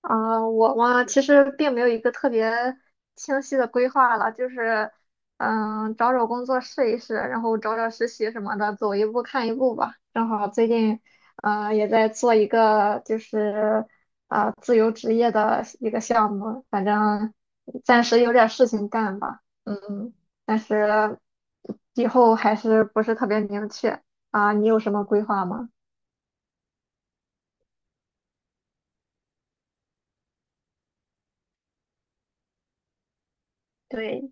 我嘛，其实并没有一个特别清晰的规划了，就是，找找工作试一试，然后找找实习什么的，走一步看一步吧。正好最近，也在做一个就是，自由职业的一个项目，反正暂时有点事情干吧，嗯，但是以后还是不是特别明确。你有什么规划吗？对。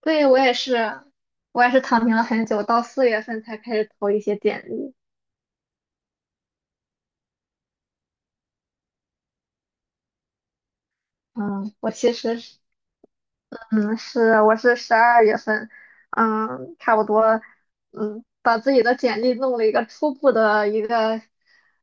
对，我也是，躺平了很久，到四月份才开始投一些简历。嗯，我其实是，我是12月份，嗯，差不多，把自己的简历弄了一个初步的一个，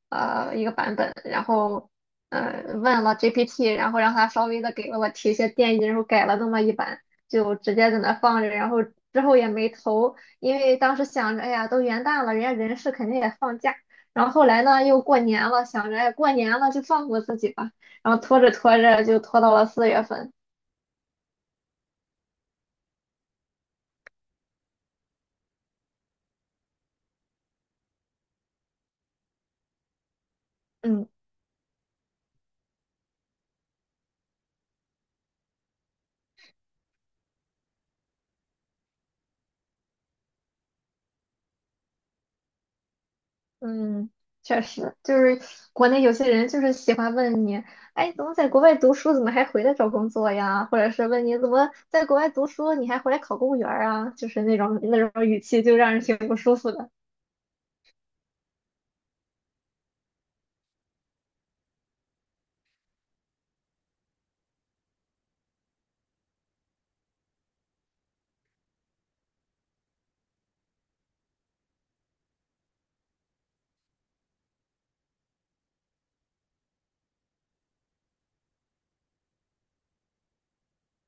呃，一个版本，然后，问了 GPT,然后让他稍微的给了我提一些建议，然后改了那么一版，就直接在那放着，然后之后也没投，因为当时想着，哎呀，都元旦了，人家人事肯定也放假，然后后来呢，又过年了，想着，哎，过年了就放过自己吧，然后拖着拖着就拖到了四月份。嗯。嗯，确实，就是国内有些人就是喜欢问你，哎，怎么在国外读书，怎么还回来找工作呀？或者是问你怎么在国外读书，你还回来考公务员儿啊？就是那种那种语气，就让人挺不舒服的。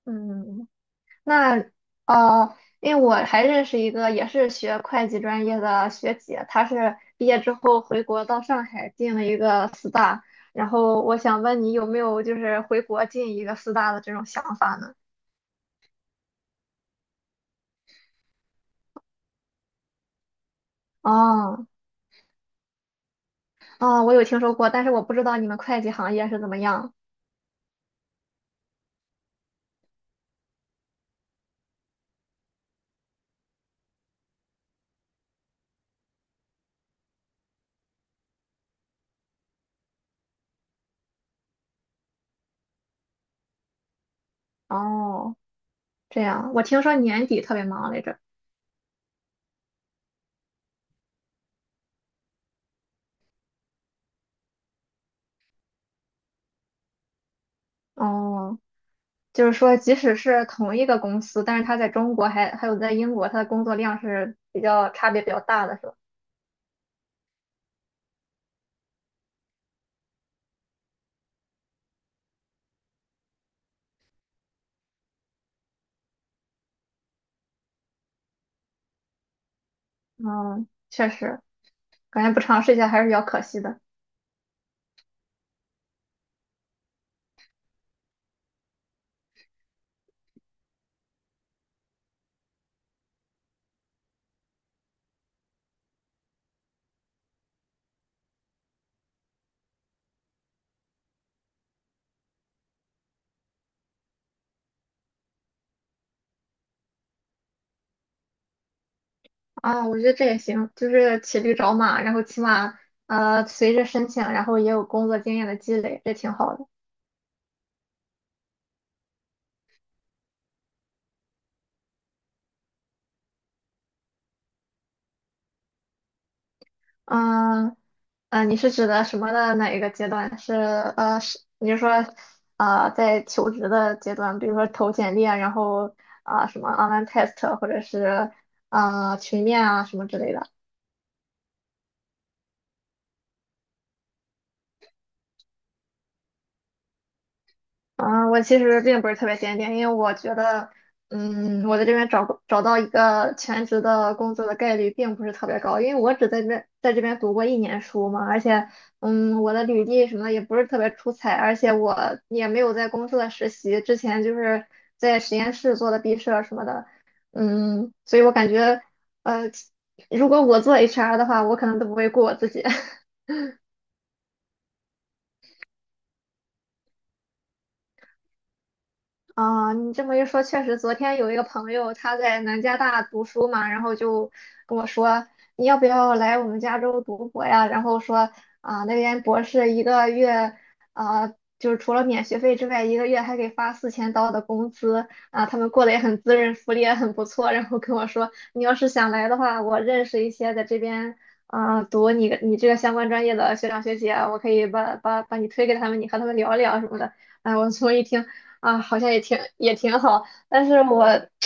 嗯，那因为我还认识一个也是学会计专业的学姐，她是毕业之后回国到上海进了一个四大，然后我想问你有没有就是回国进一个四大的这种想法呢？哦。哦，我有听说过，但是我不知道你们会计行业是怎么样。哦，这样，我听说年底特别忙来着。哦，就是说，即使是同一个公司，但是他在中国还有在英国，他的工作量是差别比较大的，是吧？嗯，确实，感觉不尝试一下还是比较可惜的。啊，我觉得这也行，就是骑驴找马，然后起码，随着申请，然后也有工作经验的积累，这挺好的。嗯，你是指的什么的哪一个阶段？是你是说，在求职的阶段，比如说投简历啊，然后什么 online test 啊或者是群面啊什么之类的。啊，我其实并不是特别坚定，因为我觉得，嗯，我在这边找到一个全职的工作的概率并不是特别高，因为我只在这边读过一年书嘛，而且，嗯，我的履历什么的也不是特别出彩，而且我也没有在公司的实习，之前就是在实验室做的毕设什么的，嗯，所以我感觉，呃，如果我做 HR 的话，我可能都不会雇我自己。啊，你这么一说，确实，昨天有一个朋友他在南加大读书嘛，然后就跟我说，你要不要来我们加州读博呀？然后说啊，那边博士一个月，啊，就是除了免学费之外，一个月还给发4000刀的工资啊，他们过得也很滋润，福利也很不错。然后跟我说，你要是想来的话，我认识一些在这边读你这个相关专业的学长学姐啊，我可以把你推给他们，你和他们聊一聊什么的。哎，我 从一听。啊，好像也挺好，但是我，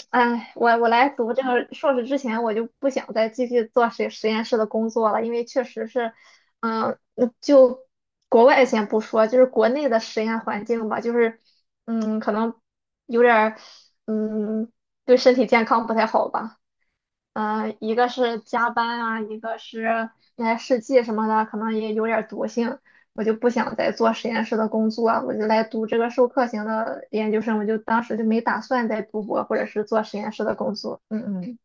哎，我来读这个硕士之前，我就不想再继续做实验室的工作了，因为确实是，嗯，国外先不说，就是国内的实验环境吧，就是，嗯，可能有点儿，嗯，对身体健康不太好吧。嗯，一个是加班啊，一个是那些试剂什么的，可能也有点儿毒性，我就不想再做实验室的工作啊，我就来读这个授课型的研究生，我就当时就没打算再读博或者是做实验室的工作。嗯嗯。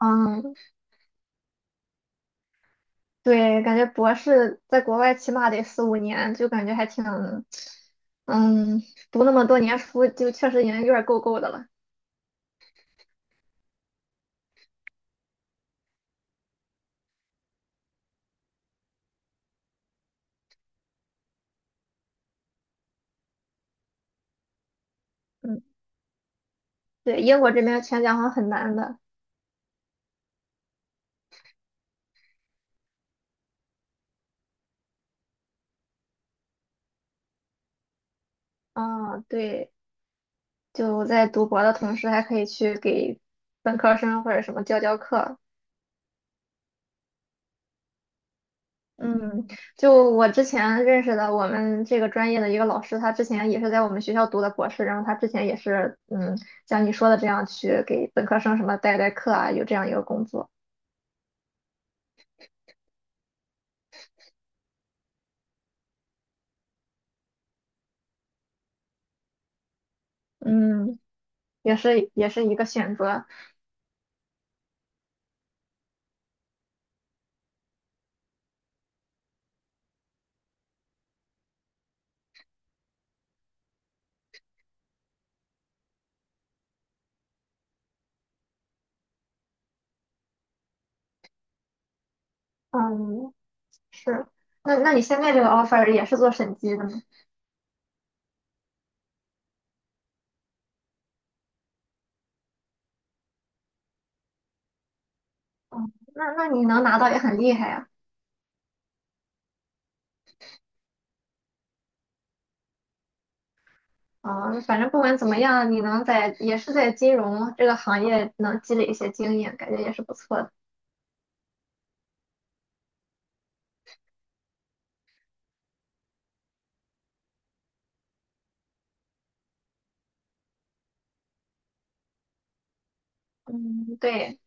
嗯，对，感觉博士在国外起码得4、5年，就感觉还挺，嗯，读那么多年书，就确实已经有点够的了。嗯，对，英国这边全奖好像很难的。啊，对。就在读博的同时，还可以去给本科生或者什么教课。嗯，就我之前认识的我们这个专业的一个老师，他之前也是在我们学校读的博士，然后他之前也是嗯，像你说的这样去给本科生什么代课啊，有这样一个工作。嗯，也是一个选择。嗯，是。那那你现在这个 offer 也是做审计的吗？哦，那那你能拿到也很厉害呀。啊，反正不管怎么样，你能在也是在金融这个行业能积累一些经验，感觉也是不错的。嗯，对，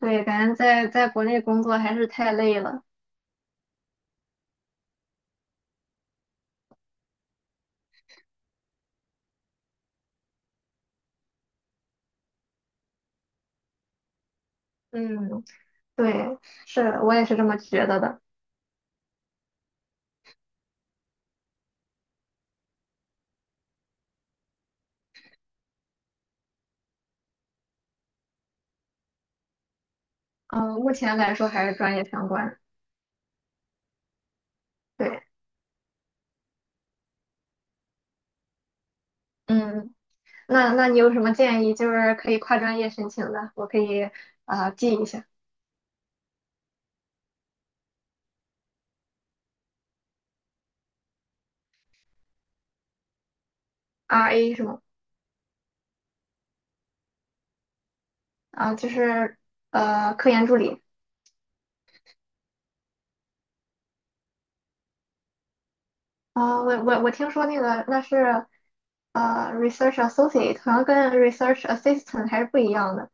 对，感觉在国内工作还是太累了。嗯，对，是我也是这么觉得的。嗯，目前来说还是专业相关。对，嗯，那那你有什么建议？就是可以跨专业申请的，我可以记一下。 RA 是吗？啊、就是科研助理。我听说那个那是，research associate 好像跟 research assistant 还是不一样的。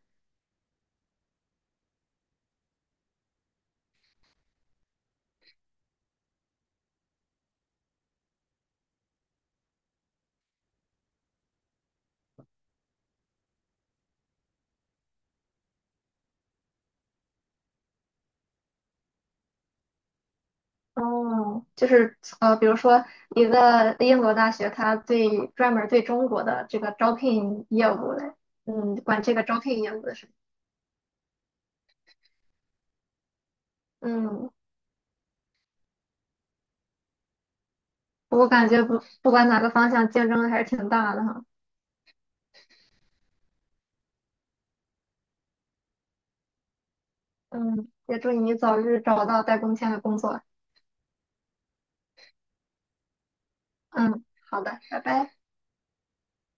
哦，就是比如说一个英国大学，它专门对中国的这个招聘业务的，嗯，管这个招聘业务的事。嗯，我感觉不管哪个方向，竞争还是挺大的哈。嗯，也祝你早日找到带工签的工作。嗯，好的，拜拜。